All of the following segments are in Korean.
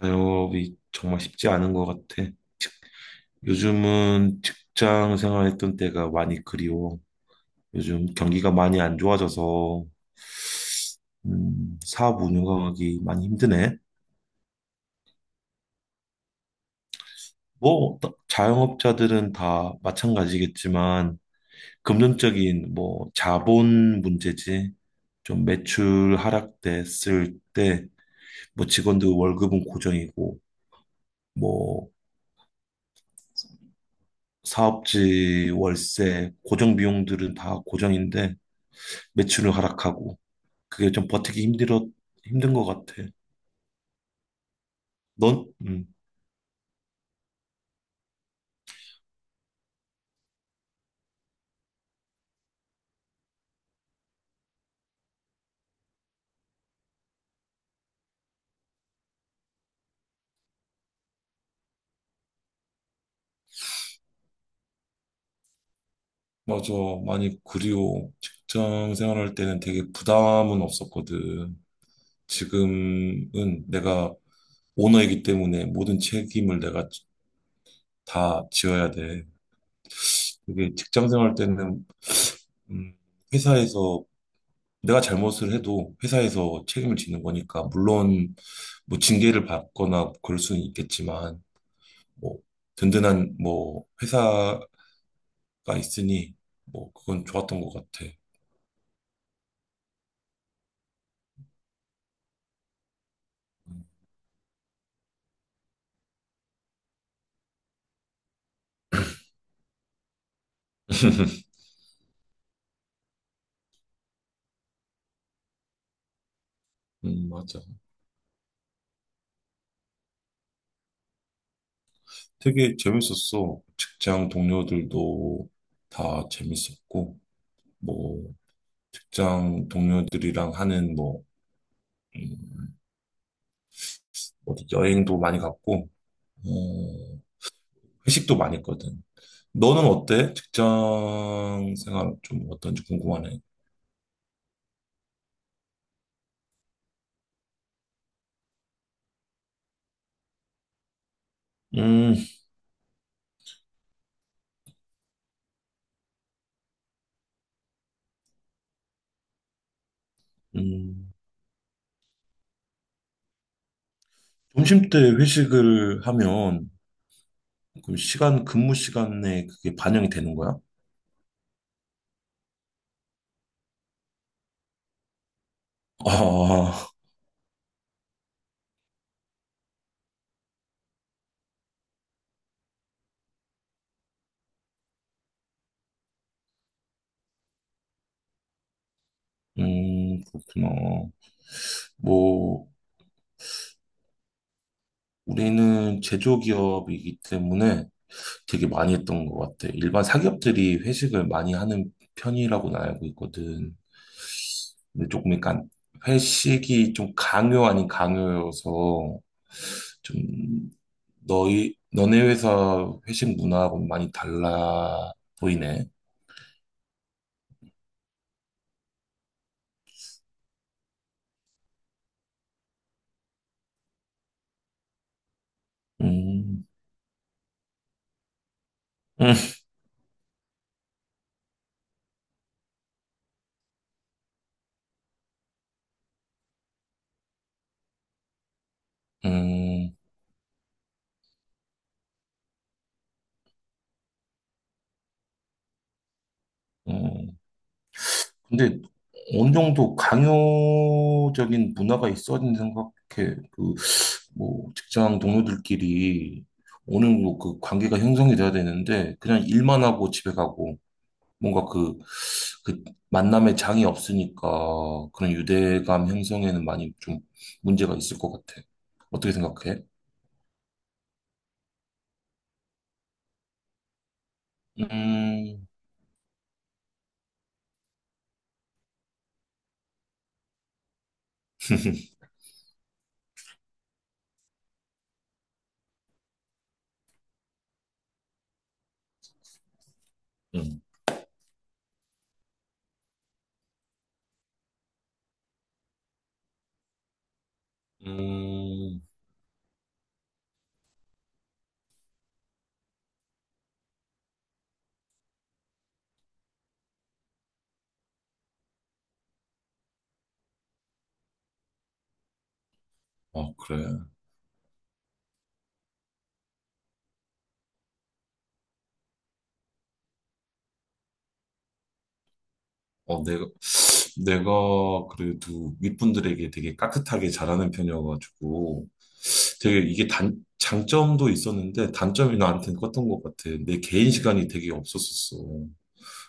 자영업이 정말 쉽지 않은 것 같아. 요즘은 직장 생활했던 때가 많이 그리워. 요즘 경기가 많이 안 좋아져서 사업 운영하기 많이 힘드네. 뭐 또 자영업자들은 다 마찬가지겠지만 금전적인 뭐 자본 문제지. 좀 매출 하락됐을 때 뭐 직원들 월급은 고정이고 뭐 사업지 월세 고정 비용들은 다 고정인데 매출을 하락하고 그게 좀 버티기 힘들어 힘든 것 같아. 넌? 음. 맞아. 많이 그리워. 직장 생활할 때는 되게 부담은 없었거든. 지금은 내가 오너이기 때문에 모든 책임을 내가 다 지어야 돼. 그게 직장 생활 때는, 음, 회사에서 내가 잘못을 해도 회사에서 책임을 지는 거니까, 물론 뭐 징계를 받거나 그럴 수는 있겠지만, 뭐 든든한 뭐 회사 가 있으니 뭐 그건 좋았던 것 같아. 음, 맞아. 되게 재밌었어. 직장 동료들도 다 재밌었고, 뭐, 직장 동료들이랑 하는 뭐, 음, 어디 여행도 많이 갔고, 어, 회식도 많이 했거든. 너는 어때? 직장 생활 좀 어떤지 궁금하네. 음, 음. 점심 때 회식을 하면, 그 시간, 근무 시간에 그게 반영이 되는 거야? 아, 그렇구나. 뭐, 우리는 제조기업이기 때문에 되게 많이 했던 것 같아. 일반 사기업들이 회식을 많이 하는 편이라고는 알고 있거든. 근데 조금 약간 회식이 좀 강요 아닌 강요여서 좀 너네 회사 회식 문화하고 많이 달라 보이네. 음, 음, 음, 음. 근데 어느 정도 강요적인 문화가 있어야 된다고 생각해. 그 뭐 직장 동료들끼리 오는 뭐그 관계가 형성이 돼야 되는데 그냥 일만 하고 집에 가고 뭔가 그 만남에 장이 없으니까 그런 유대감 형성에는 많이 좀 문제가 있을 것 같아. 어떻게 생각해? 음, 음, 음. 아, 그래. 어, 내가, 내가 그래도 윗분들에게 되게 깍듯하게 잘하는 편이어가지고, 되게 이게 장점도 있었는데 단점이 나한테는 컸던 것 같아. 내 개인 시간이 되게 없었었어.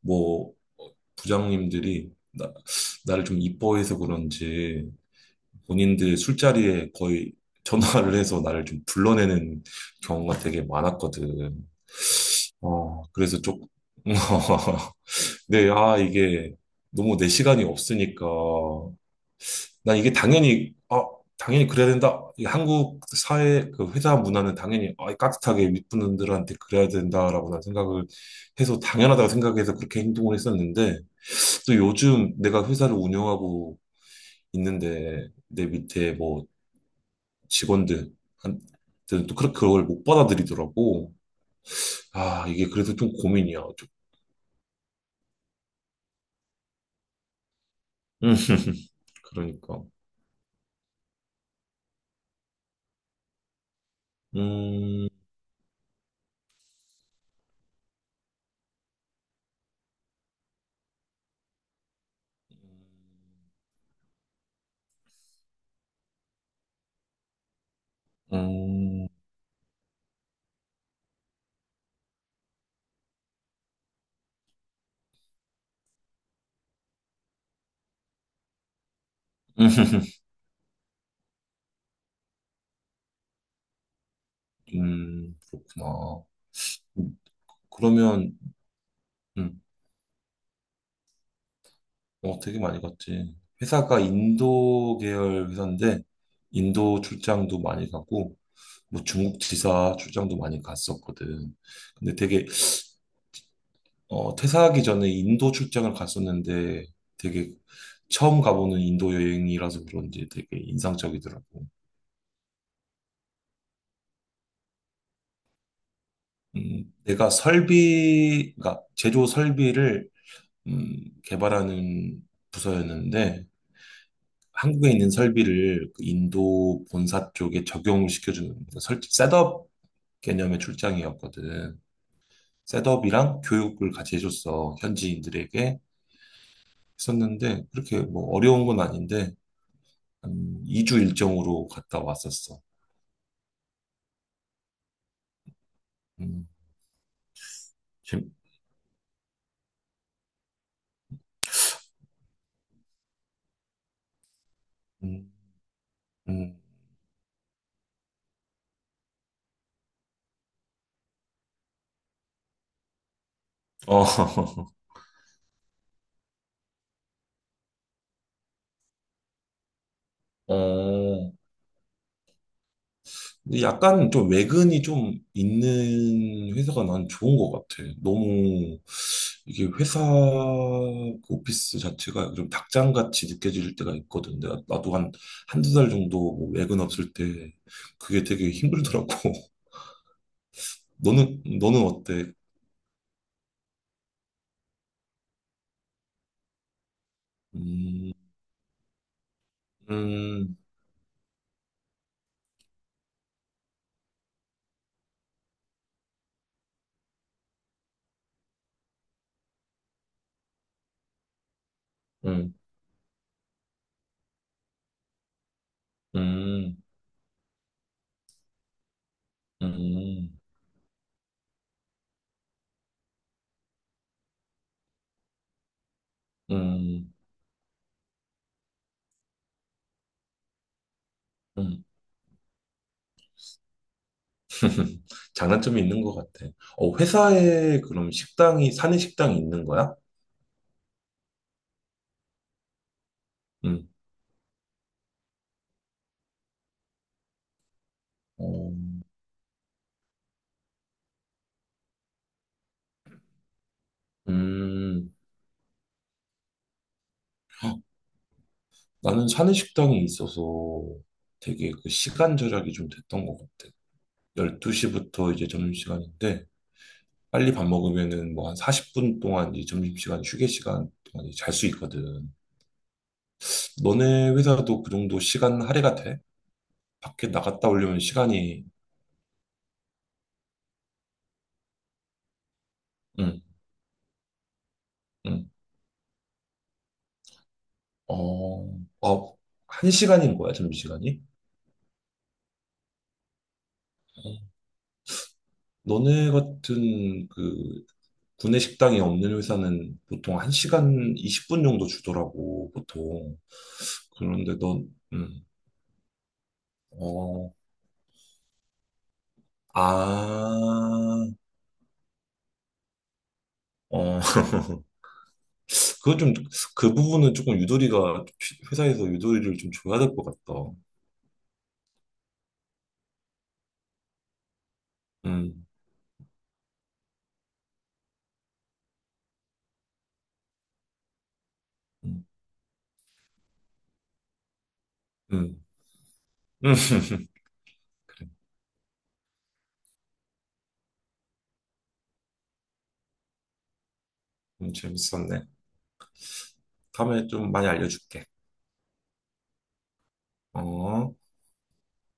뭐 부장님들이 나를 좀 이뻐해서 그런지 본인들 술자리에 거의 전화를 해서 나를 좀 불러내는 경우가 되게 많았거든. 그래서 조금, 네, 아, 이게 너무 내 시간이 없으니까 난 이게 당연히 그래야 된다. 이 한국 사회, 그 회사 문화는 당연히 깍듯하게 윗분들한테 그래야 된다라고 난 생각을 해서 당연하다고 생각해서 그렇게 행동을 했었는데, 또 요즘 내가 회사를 운영하고 있는데, 내 밑에 뭐 직원들한테는 또 그렇게 그걸 못 받아들이더라고. 아, 이게 그래서 좀 고민이야. 좀. 음, 그러니까. 음, 음, 그렇구나. 그러면, 음, 되게 많이 갔지. 회사가 인도 계열 회사인데, 인도 출장도 많이 가고, 뭐 중국 지사 출장도 많이 갔었거든. 근데 되게, 퇴사하기 전에 인도 출장을 갔었는데, 되게 처음 가보는 인도 여행이라서 그런지 되게 인상적이더라고. 내가 그 제조 설비를, 개발하는 부서였는데, 한국에 있는 설비를 그 인도 본사 쪽에 적용을 시켜주는 그 설 셋업 개념의 출장이었거든. 셋업이랑 교육을 같이 해줬어. 현지인들에게 했었는데 그렇게 뭐 어려운 건 아닌데 한 2주 일정으로 갔다 왔었어. 음, 재- 음, 음. 어, 어, 근데 약간 좀 외근이 좀 있는 회사가 난 좋은 것 같아. 너무 이게 회사 그 오피스 자체가 좀 닭장같이 느껴질 때가 있거든. 내가 나도 한 한두 달 정도 뭐 외근 없을 때 그게 되게 힘들더라고. 너는 어때? 음, 음, 음, 음, 음, 음, 음. 장단점이 있는 것 같아. 회사에 그럼 식당이 사내 식당이 있는 거야? 음. 어, 음, 헉, 나는 사내식당이 있어서 되게 그 시간 절약이 좀 됐던 것 같아. 12시부터 이제 점심시간인데, 빨리 밥 먹으면은 뭐 한 40분 동안 이 점심시간, 휴게 시간 동안 잘 수 있거든. 너네 회사도 그 정도 시간 할애가 돼? 밖에 나갔다 오려면 시간이, 응, 응, 어, 어, 한 시간인 거야, 점심시간이? 어, 너네 같은 그 구내 식당이 없는 회사는 보통 1시간 20분 정도 주더라고, 보통. 그런데 넌, 음, 어, 아, 어, 그건 좀, 그 부분은 조금 유도리가, 회사에서 유도리를 좀 줘야 될 것 같다. 음, 음, 음. 그래. 재밌었네. 다음에 좀 많이 알려줄게. 어.